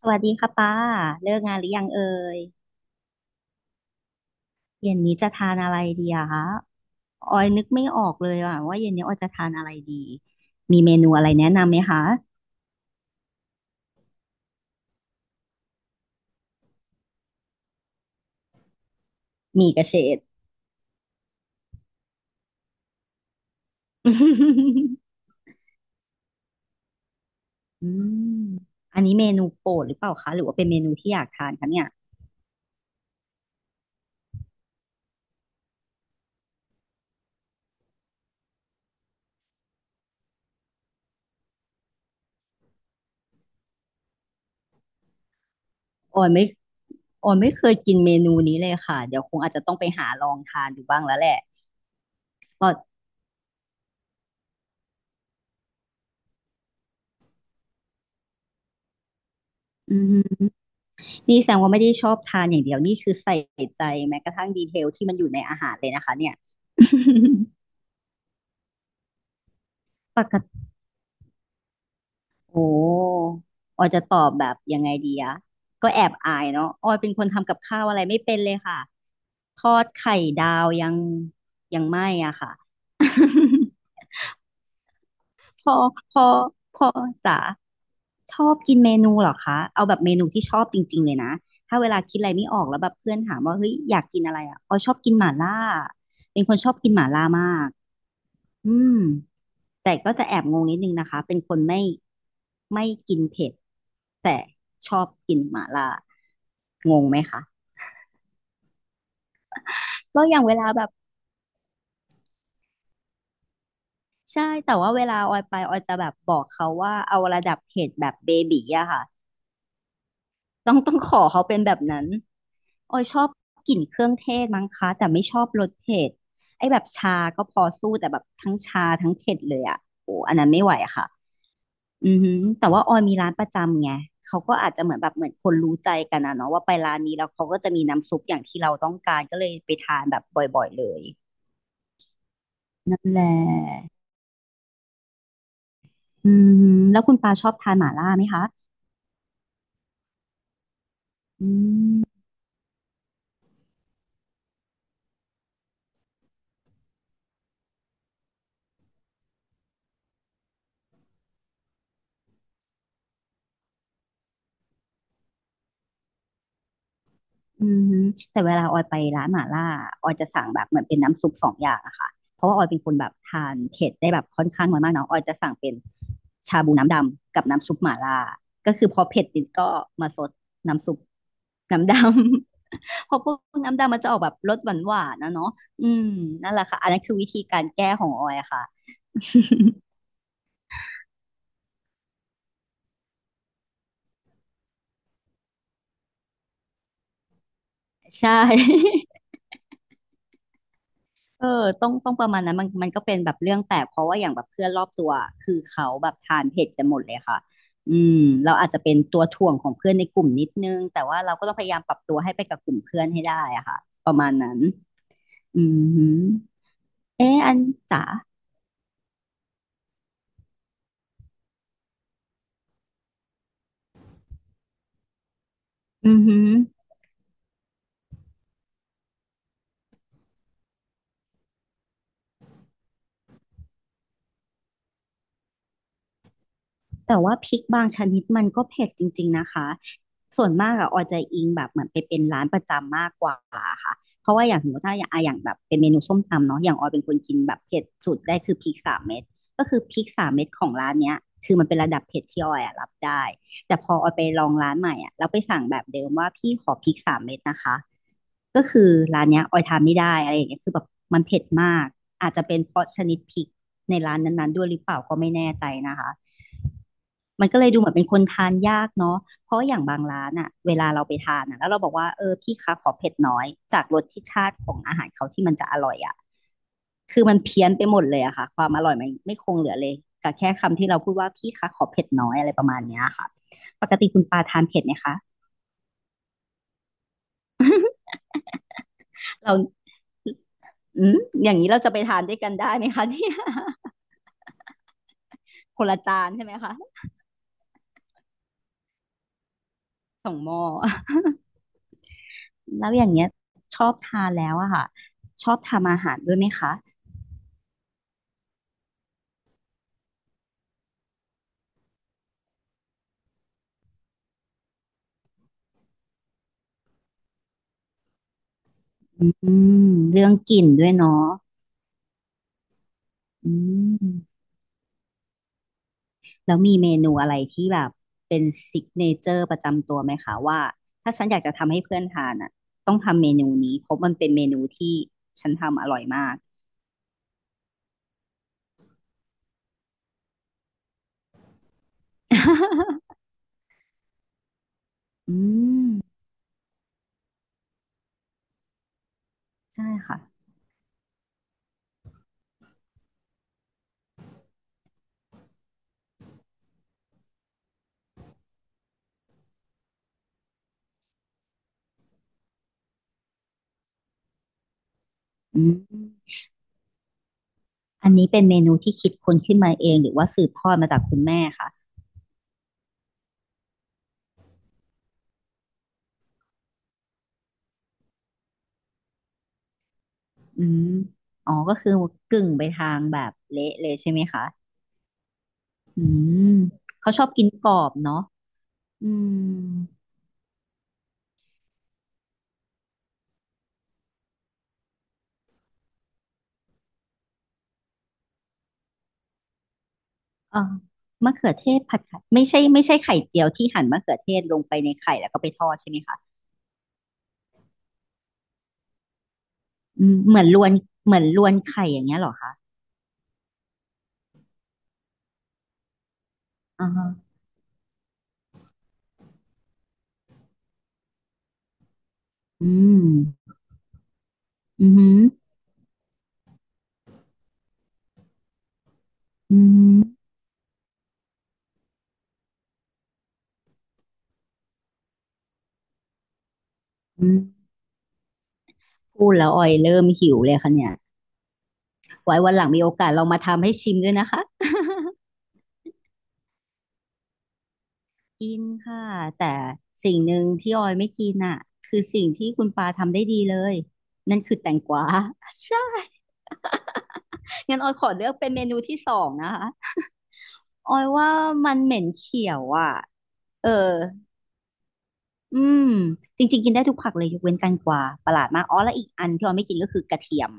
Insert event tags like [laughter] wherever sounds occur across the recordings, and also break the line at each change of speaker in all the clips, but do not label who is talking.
สวัสดีค่ะป้าเลิกงานหรือยังเอ่ยเย็นนี้จะทานอะไรดีอะคะออยนึกไม่ออกเลยอะว่าเย็นนี้ออยจะทานอะไรดีมีเมนูอะไรแนะนำไหมคะมีกระเฉด [laughs] อืมอันนี้เมนูโปรดหรือเปล่าคะหรือว่าเป็นเมนูที่อยากทานคะเนี่ยออยไม่ออยไม่เคยกินเมนูนี้เลยค่ะเดี๋ยวคงอาจจะต้องไปหาลองทานดูบ้างแล้วแหละอืมนี่แสดงว่าไม่ได้ชอบทานอย่างเดียวนี่คือใส่ใจแม้กระทั่งดีเทลที่มันอยู่ในอาหารเลยนะคะเนี่ย [laughs] ปก โอ้ออยจะตอบแบบยังไงดีอะก็แอบอายเนาะออยเป็นคนทำกับข้าวอะไรไม่เป็นเลยค่ะทอดไข่ดาวยังยังไม่อะค่ะ [laughs] พอพอพอจ๋าชอบกินเมนูเหรอคะเอาแบบเมนูที่ชอบจริงๆเลยนะถ้าเวลาคิดอะไรไม่ออกแล้วแบบเพื่อนถามว่าเฮ้ยอยากกินอะไรอะออยชอบกินหม่าล่าเป็นคนชอบกินหม่าล่ามากอืม แต่ก็จะแอบงงนิดนึงนะคะเป็นคนไม่กินเผ็ดแต่ชอบกินหม่าล่างงไหมคะแล้วอย่างเวลาแบบใช่แต่ว่าเวลาออยไปออยจะแบบบอกเขาว่าเอาระดับเผ็ดแบบเบบี๋อะค่ะต้องขอเขาเป็นแบบนั้นออยชอบกลิ่นเครื่องเทศมั้งคะแต่ไม่ชอบรสเผ็ดไอ้แบบชาก็พอสู้แต่แบบทั้งชาทั้งเผ็ดเลยอะโอ้อันนั้นไม่ไหวอะค่ะ อือหือแต่ว่าออยมีร้านประจำไง เขาก็อาจจะเหมือนแบบเหมือนคนรู้ใจกันนะเนาะว่าไปร้านนี้แล้วเขาก็จะมีน้ำซุปอย่างที่เราต้องการก็เลยไปทานแบบบ่อยๆเลยนั่นแหละอืมแล้วคุณปาชอบทานหม่าล่าไหมคะอืม อืมฮึแต่เวลาออยไปร้านหม่าล่าออยจะสั่งแบบเหมือนเป็นน้ำซุปสองอย่างอะค่ะเพราะว่าออยเป็นคนแบบทานเผ็ดได้แบบค่อนข้างน้อยมากเนาะออยจะสั่งเป็นชาบูน้ำดำกับน้ำซุปหม่าล่าก็คือพอเผ็ดนิดก็มาซดน้ำซุปน้ำดำ [laughs] เพราะพวกน้ำดำมันจะออกแบบรสหวานหวานนะเนาะอืมนั่นแหละค่ะอันนั้นคือวิธีการแก้ของออยอะค่ะ [laughs] ใช่ เออต้องประมาณนั้นมันก็เป็นแบบเรื่องแปลกเพราะว่าอย่างแบบเพื่อนรอบตัวคือเขาแบบทานเผ็ดกันหมดเลยค่ะอืมเราอาจจะเป็นตัวถ่วงของเพื่อนในกลุ่มนิดนึงแต่ว่าเราก็ต้องพยายามปรับตัวให้ไปกับกลุ่มเพื่อนให้ได้อะค่ะประมาณนั้นอืมเอออันจ๋าอือหือ แต่ว่าพริกบางชนิดมันก็เผ็ดจริงๆนะคะส่วนมากอะออยจะอิงแบบเหมือนไปเป็นร้านประจำมากกว่าค่ะเพราะว่าอย่างสมมติถ้าอย่างอะอย่างแบบเป็นเมนูส้มตำเนาะอย่างออยเป็นคนกินแบบเผ็ดสุดได้คือพริกสามเม็ดก็คือพริกสามเม็ดของร้านเนี้ยคือมันเป็นระดับเผ็ดที่ออยอะรับได้ แต่พอออยไปลองร้านใหม่อะแล้วไปสั่งแบบเดิมว่าพี่ขอพริกสามเม็ดนะคะก็คือร้านเนี้ยออยทานไม่ได้อะไรอย่างเงี้ยคือแบบมันเผ็ดมาก อาจจะเป็นเพราะชนิดพริกในร้านนั้นๆด้วยหรือเปล่าก็ไม่แน่ใจนะคะ มันก็เลยดูเหมือนเป็นคนทานยากเนาะเพราะอย่างบางร้านอะเวลาเราไปทานอะแล้วเราบอกว่าเออพี่คะขอเผ็ดน้อยจากรสที่ชาติของอาหารเขาที่มันจะอร่อยอะคือมันเพี้ยนไปหมดเลยอะค่ะความอร่อยมันไม่คงเหลือเลยกับแค่คำที่เราพูดว่าพี่คะขอเผ็ดน้อยอะไรประมาณเนี้ยค่ะปกติคุณปาทานเผ็ดไหมคะเราอืมอย่างนี้เราจะไปทานด้วยกันได้ไหมคะ [laughs] เนี่ยคนละจานใช่ไหมคะสองหม้อแล้วอย่างเงี้ยชอบทานแล้วอะค่ะชอบทำอาหารด้วยไหมคะ อืมเรื่องกลิ่นด้วยเนาะอืมแล้วมีเมนูอะไรที่แบบเป็นซิกเนเจอร์ประจำตัวไหมคะว่าถ้าฉันอยากจะทำให้เพื่อนทานอ่ะต้องทำเมนูนี้เพราะมันเป็นเมนูที่ฉันทำอร่อยมาก [laughs] อืมใช่ค่ะอืมอันนี้เป็นเมนูที่คิดค้นขึ้นมาเองหรือว่าสืบทอดมาจากคุณแม่คะอืมอ๋อก็คือกึ่งไปทางแบบเละเลยใช่ไหมคะอืมเขาชอบกินกรอบเนาะอืม เออมะเขือเทศผัดไข่ไม่ใช่ไข่เจียวที่หั่นมะเขือเทศลงไปในไข่แล้วก็ไปทอดใช่ไหมคะอืมเหมือนรวนไข่อย่างเงี้ยเหรอคะอ่าฮะอืมอือหืออืมอืมพูดแล้วออยเริ่มหิวเลยค่ะเนี่ยไว้วันหลังมีโอกาสเรามาทำให้ชิมด้วยนะคะ [laughs] กินค่ะแต่สิ่งหนึ่งที่ออยไม่กินอ่ะคือสิ่งที่คุณปาทำได้ดีเลยนั่นคือแตงกวา [laughs] ใช่งั้นออยขอเลือกเป็นเมนูที่สองนะคะ ออยว่ามันเหม็นเขียวอ่ะเอออืม จริงๆกินได้ทุกผักเลยยกเว้นแตงกวาประหลาดมาก อ๋อแล้วอีกอันที่ออยไม่กินก็คือกระเทียม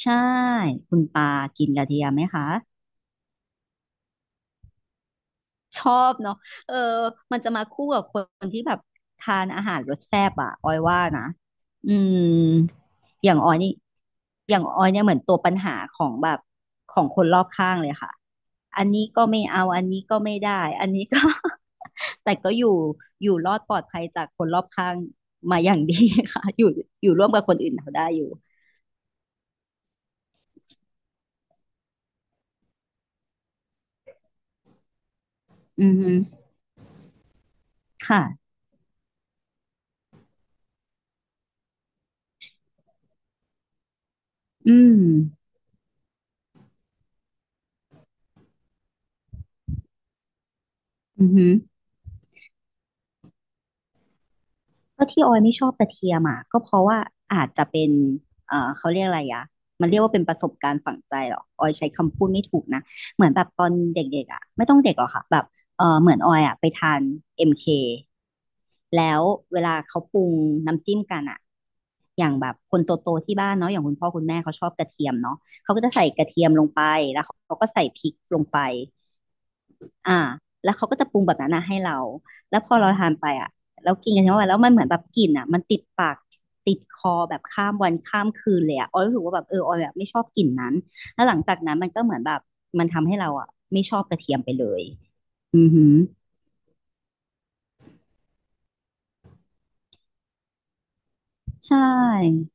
ใช่คุณปากินกระเทียมไหมคะ ชอบเนาะเออมันจะมาคู่กับคนที่แบบทานอาหารรสแซ่บอะออยว่านะอืมอย่างออยนี่อย่างออยเนี่ยเหมือนตัวปัญหาของแบบของคนรอบข้างเลยค่ะ อันนี้ก็ไม่เอา อันนี้ก็ไม่ได้ อันนี้ก็ [laughs] แต่ก็อยู่อยู่รอดปลอดภัยจากคนรอบข้างมาอย่างดีค่ะอยู่อยู่ร่วมกับคนอื่นเขาได้อยู่อือฮึค่ะอืมอือฮึ ก็ที่ออยไม่ชอบกระเทียมอ่ะก็เพราะว่าอาจจะเป็นเขาเรียกอะไรอะมันเรียกว่าเป็นประสบการณ์ฝังใจเหรอออยใช้คำพูดไม่ถูกนะเหมือนแบบตอนเด็กๆอ่ะไม่ต้องเด็กหรอกค่ะแบบเออเหมือนออยอ่ะไปทานเอ็มเคแล้วเวลาเขาปรุงน้ำจิ้มกันอ่ะอย่างแบบคนโตๆที่บ้านเนาะอย่างคุณพ่อคุณแม่เขาชอบกระเทียมเนาะเขาก็จะใส่กระเทียมลงไปแล้วเขาก็ใส่พริกลงไป อ่าแล้วเขาก็จะปรุงแบบนั้นนะให้เราแล้วพอเราทานไปอ่ะแล้วกินกันทั้งวันแล้วมันเหมือนแบบกลิ่นอ่ะมันติดปากติดคอแบบข้ามวันข้ามคืนเลยอ่ะออยรู้สึกว่าแบบเออออยแบบไม่ชอบกลิ่นนั้นแล้วหลังจากนั้นมันก็เหมือนแบบมันทำให้เราอ่ะไม่ชอบกระเทียมไปเลยอือหือใช่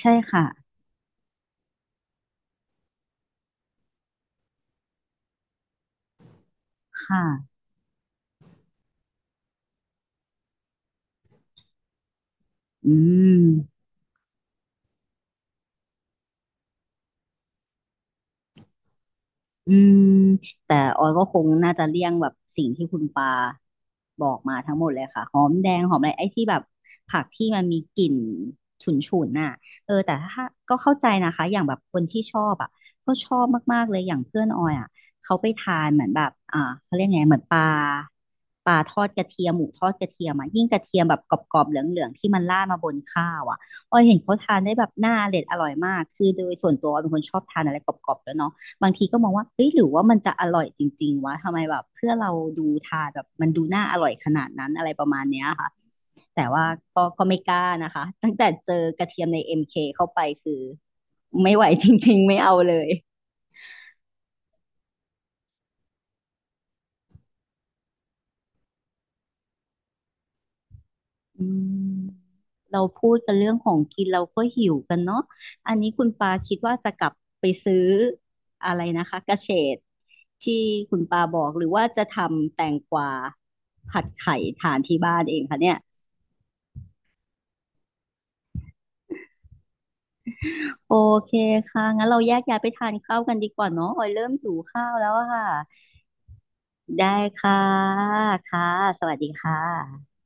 ใช่ค่ะค่ะอืม อืมแต่ออยก็คงน่าจะเลี่ยงแบบสิ่งที่คุณปาบอกมาทั้งหมดเลยค่ะหอมแดงหอมอะไรไอ้ที่แบบผักที่มันมีกลิ่นฉุนฉุนน่ะเออแต่ถ้าก็เข้าใจนะคะอย่างแบบคนที่ชอบอ่ะก็ชอบมากๆเลยอย่างเพื่อนออยอ่ะเขาไปทานเหมือนแบบอ่าเขาเรียกไงเหมือนปลาทอดกระเทียมหมูทอดกระเทียมอ่ะยิ่งกระเทียมแบบกรอบๆเหลืองๆที่มันราดมาบนข้าวอ่ะออยเห็นเขาทานได้แบบน่าอร่อยมากคือโดยส่วนตัวออยเป็นคนชอบทานอะไรกรอบๆแล้วยเนาะ บางทีก็มองว่าเฮ้ยหรือว่ามันจะอร่อยจริงๆวะทำไมแบบเพื่อเราดูทานแบบมันดูน่าอร่อยขนาดนั้นอะไรประมาณเนี้ยค่ะแต่ว่าก็ไม่กล้านะคะตั้งแต่เจอกระเทียมใน MK เคเข้าไปคือไม่ไหวจริงๆไม่เอาเลยอืมเราพูดกันเรื่องของกินเราก็หิวกันเนาะอันนี้คุณปาคิดว่าจะกลับไปซื้ออะไรนะคะกระเฉดที่คุณปาบอกหรือว่าจะทำแตงกวาผัดไข่ทานที่บ้านเองคะเนี่ย โอเคค่ะงั้นเราแยกย้ายไปทานข้าวกันดีกว่าเนาะออยเริ่มหิวข้าวแล้วอะค่ะได้ค่ะค่ะสวัสดีค่ะ